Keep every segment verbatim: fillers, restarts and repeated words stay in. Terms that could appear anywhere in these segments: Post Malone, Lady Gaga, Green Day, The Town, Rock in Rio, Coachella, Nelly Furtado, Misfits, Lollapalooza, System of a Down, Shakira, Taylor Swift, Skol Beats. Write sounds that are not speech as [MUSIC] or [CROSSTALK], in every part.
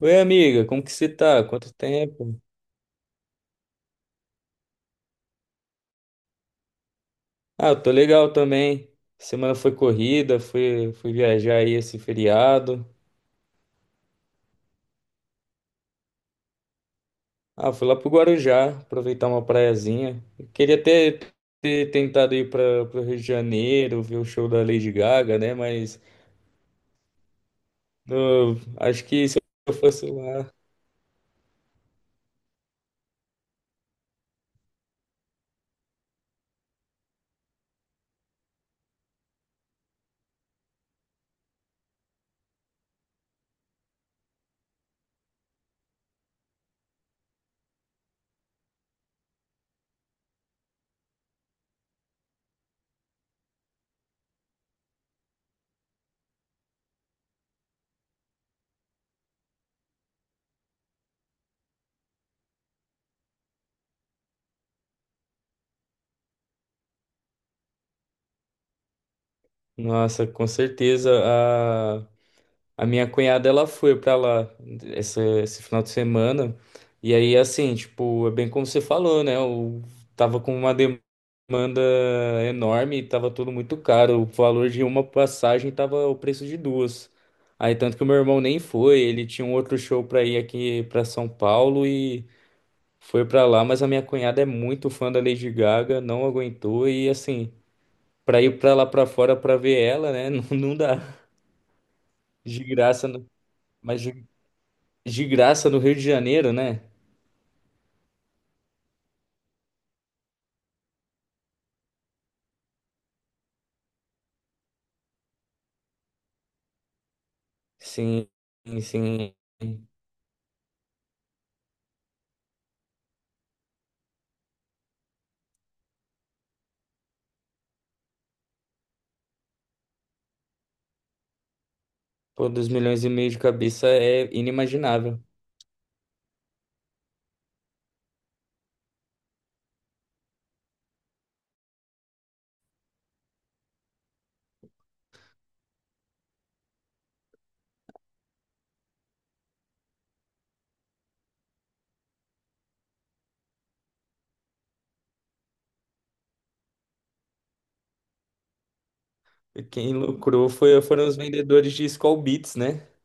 Oi, amiga, como que você tá? Quanto tempo? Ah, eu tô legal também. Semana foi corrida, fui, fui viajar aí esse feriado. Ah, fui lá pro Guarujá, aproveitar uma praiazinha. Eu queria ter, ter tentado ir para pro Rio de Janeiro, ver o show da Lady Gaga, né? Mas no- acho que se eu fosse lá, nossa, com certeza. A minha cunhada, ela foi pra lá essa- esse final de semana. E aí, assim, tipo, é bem como você falou, né? Eu tava com uma demanda enorme e tava tudo muito caro. O valor de uma passagem tava o preço de duas. Aí, tanto que o meu irmão nem foi. Ele tinha um outro show pra ir aqui pra São Paulo e foi pra lá. Mas a minha cunhada é muito fã da Lady Gaga, não aguentou. E, assim, pra ir pra lá pra fora pra ver ela, né? [LAUGHS] Não, não dá. De graça, não. Mas de de graça no Rio de Janeiro, né? Sim, sim. Pô, dois milhões e meio de cabeça é inimaginável. E quem lucrou foi, foram os vendedores de Skol Beats, né? [LAUGHS]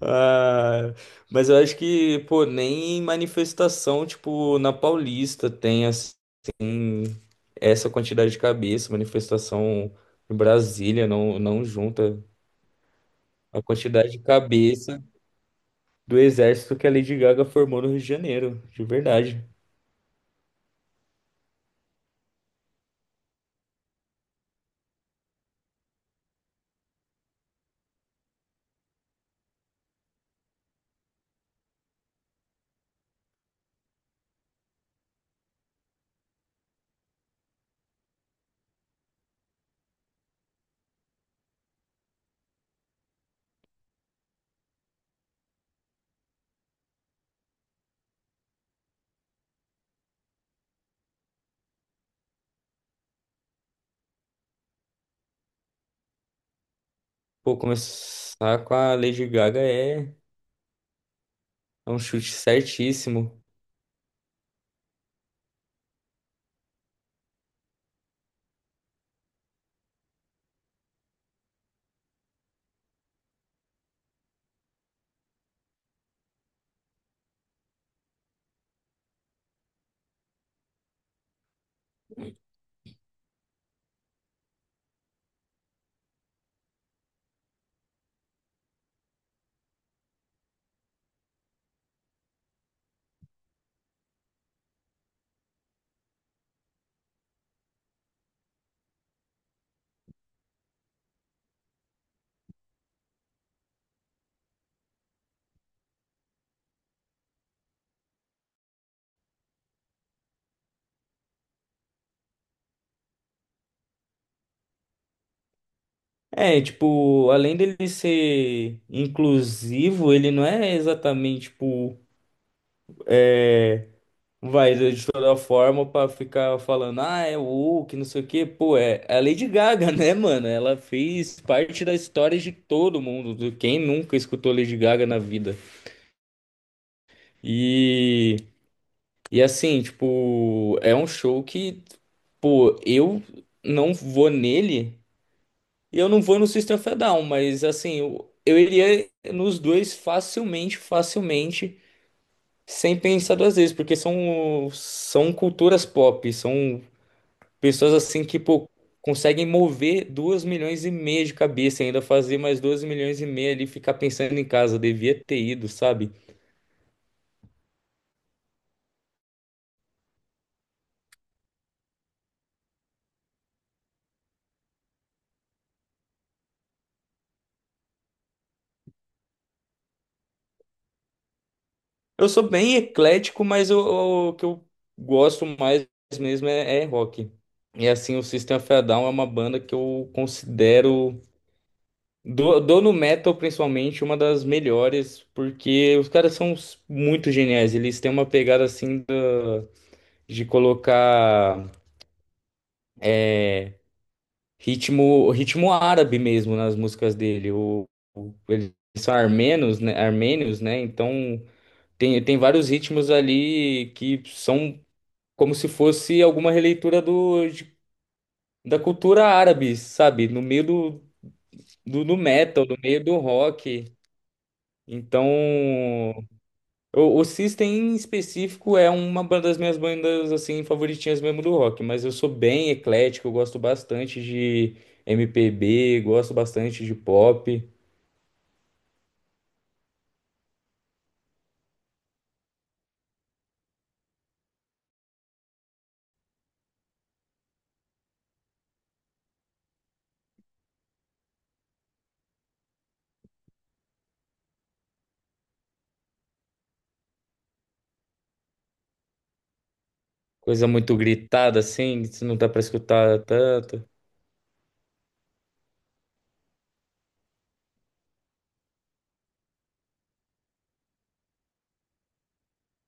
Ah, mas eu acho que, pô, nem em manifestação, tipo, na Paulista tem as- essa quantidade de cabeça. Manifestação em Brasília não, não junta a quantidade de cabeça do exército que a Lady Gaga formou no Rio de Janeiro, de verdade. Pô, começar com a Lady Gaga é, é um chute certíssimo. É, tipo, além dele ser inclusivo, ele não é exatamente, tipo, é, vai de toda forma pra ficar falando, ah, é o que não sei o quê. Pô, é, é a Lady Gaga, [LAUGHS] né, mano? Ela fez parte da história de todo mundo, de quem nunca escutou Lady Gaga na vida. E. E assim, tipo, é um show que, pô, eu não vou nele e eu não vou no System of a Down, mas assim, eu, eu iria nos dois facilmente, facilmente, sem pensar duas vezes, porque são, são culturas pop, são pessoas assim que, pô, conseguem mover duas milhões e meia de cabeça, ainda fazer mais dois milhões e meia ali, e ficar pensando em casa, devia ter ido, sabe? Eu sou bem eclético, mas o, o que eu gosto mais mesmo é, é rock. E assim, o System of a Down é uma banda que eu considero, do, do no metal principalmente, uma das melhores, porque os caras são s- muito geniais. Eles têm uma pegada assim da, de colocar ritmo, ritmo árabe mesmo nas músicas dele. O, o- eles são armenos, né? Armênios, né? Então. Tem, tem vários ritmos ali que são como se fosse alguma releitura do, de- da cultura árabe, sabe? No meio do, do, do metal, no meio do rock. Então, o, o System em específico é uma ba- das minhas bandas, assim, favoritinhas mesmo do rock. Mas eu sou bem eclético, eu gosto bastante de M P B, gosto bastante de pop. Coisa muito gritada, assim, que não dá pra escutar tanto.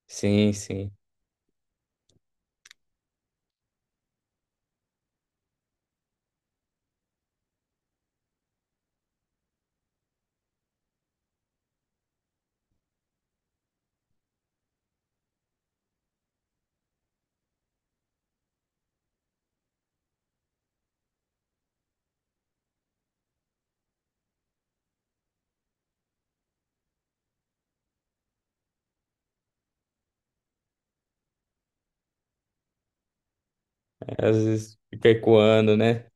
Sim, sim. Às vezes fica ecoando, né?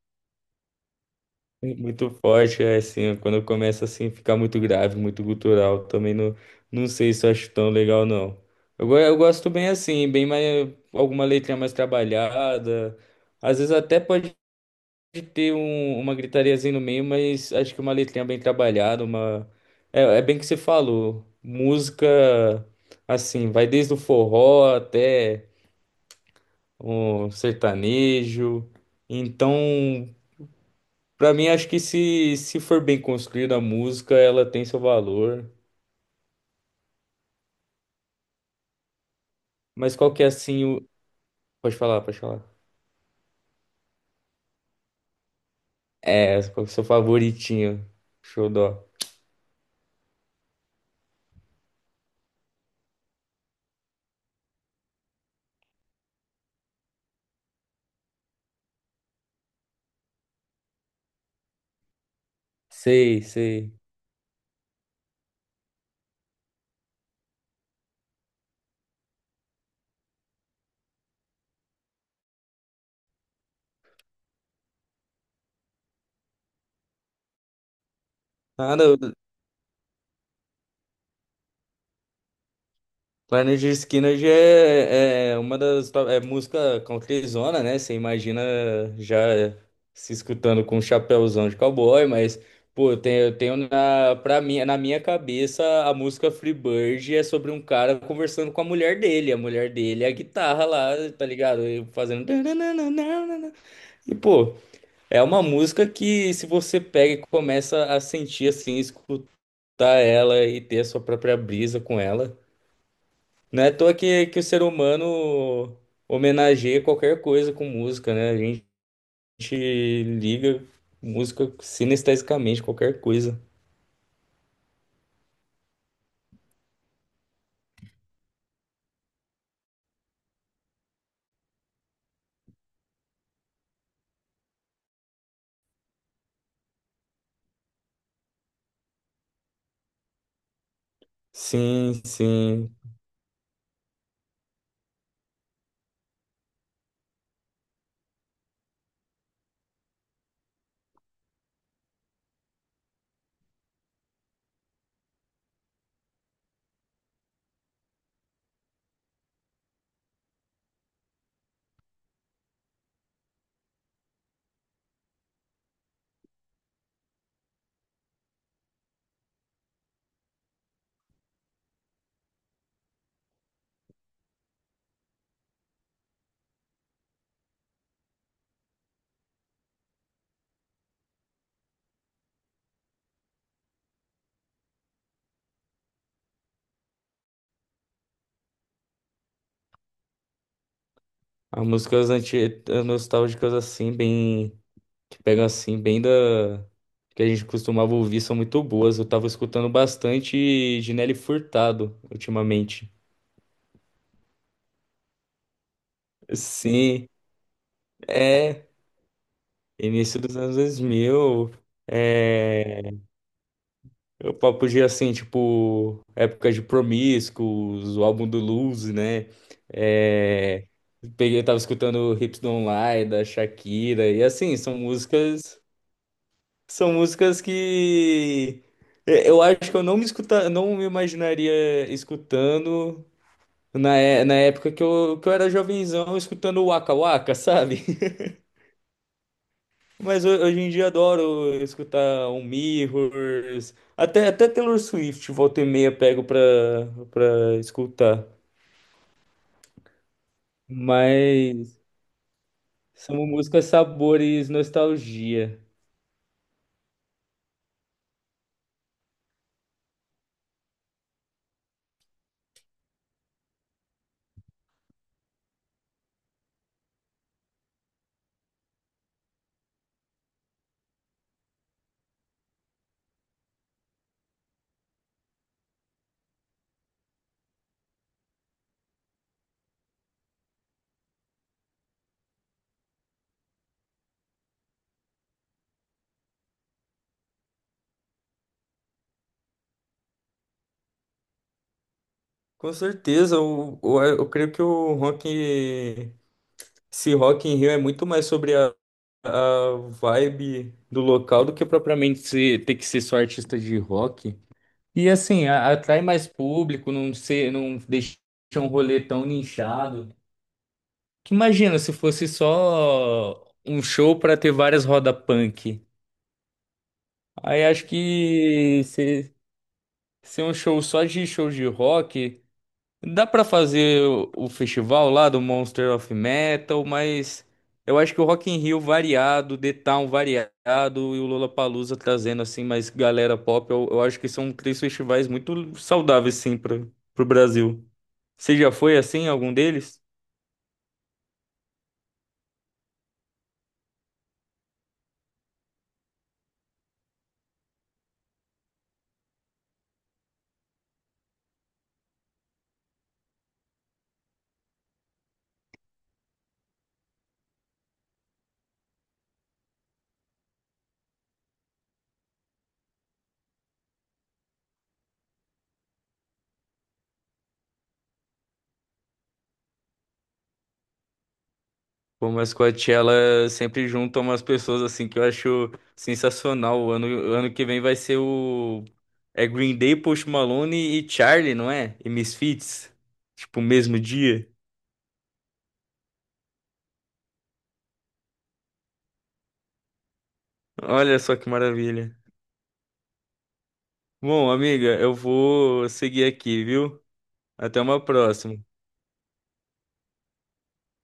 Muito forte, é assim, quando começa assim, ficar muito grave, muito gutural, também não, não sei se eu acho tão legal, não. Eu, go- eu gosto bem assim, bem mais, alguma letra mais trabalhada, às vezes até pode ter um- uma gritariazinha no meio, mas acho que uma letrinha bem trabalhada, uma... É, é bem que você falou, música, assim, vai desde o forró até o sertanejo, então... Pra mim, acho que se, se for bem construída a música, ela tem seu valor. Mas qual que é assim o. Pode falar, pode falar. É, qual que é o seu favoritinho? Xodó. Sei, sei. Nada, Planet Skinner já é, é é uma das to- é música countryzona, né? Você imagina já se escutando com um chapéuzão de cowboy, mas pô, eu tenho, eu tenho na para mim, na minha cabeça a música Freebird é sobre um cara conversando com a mulher dele, a mulher dele é a guitarra lá, tá ligado? E fazendo tananana. E pô, é uma música que se você pega e começa a sentir assim, escutar ela e ter a sua própria brisa com ela. Não é à toa que, que o ser humano homenageia qualquer coisa com música, né? A gente liga música sinestesicamente, qualquer coisa. Sim, sim. As músicas anti as nostálgicas, assim, bem. Que pegam assim, bem da. Que a gente costumava ouvir, são muito boas. Eu tava escutando bastante de Nelly Furtado ultimamente. Sim, é. Início dos anos dois mil. É. Eu pa- podia, assim, tipo, época de Promiscuous, o álbum do Lose, né? É, peguei, tava escutando Hips Don't Lie, da Shakira, e assim, são músicas, são músicas que é, eu acho que eu não me escuta, não me imaginaria escutando na, é- na época que eu, que eu era jovenzão, escutando o Waka Waka, sabe? Mas ho- hoje em dia adoro escutar um Mirrors, até, até Taylor Swift, volta e meia pego pra, pra escutar. Mas são músicas sabores nostalgia. Com certeza, eu, eu, eu creio que o rock, esse Rock in Rio é muito mais sobre a, a vibe do local do que propriamente ser, ter que ser só artista de rock. E assim, a- atrai mais público, não ser, não deixa um rolê tão nichado. Que imagina se fosse só um show pra ter várias roda punk. Aí acho que se, se um show só de show de rock, dá pra fazer o, o festival lá do Monster of Metal, mas eu acho que o Rock in Rio variado, The Town variado e o Lollapalooza trazendo assim mais galera pop, eu, eu acho que são três festivais muito saudáveis sim para pro Brasil. Você já foi assim em algum deles? Pô, mas Coachella sempre junta umas pessoas assim que eu acho sensacional. O ano, o ano que vem vai ser o. É Green Day, Post Malone e Charlie, não é? E Misfits. Tipo, mesmo dia. Olha só que maravilha. Bom, amiga, eu vou seguir aqui, viu? Até uma próxima.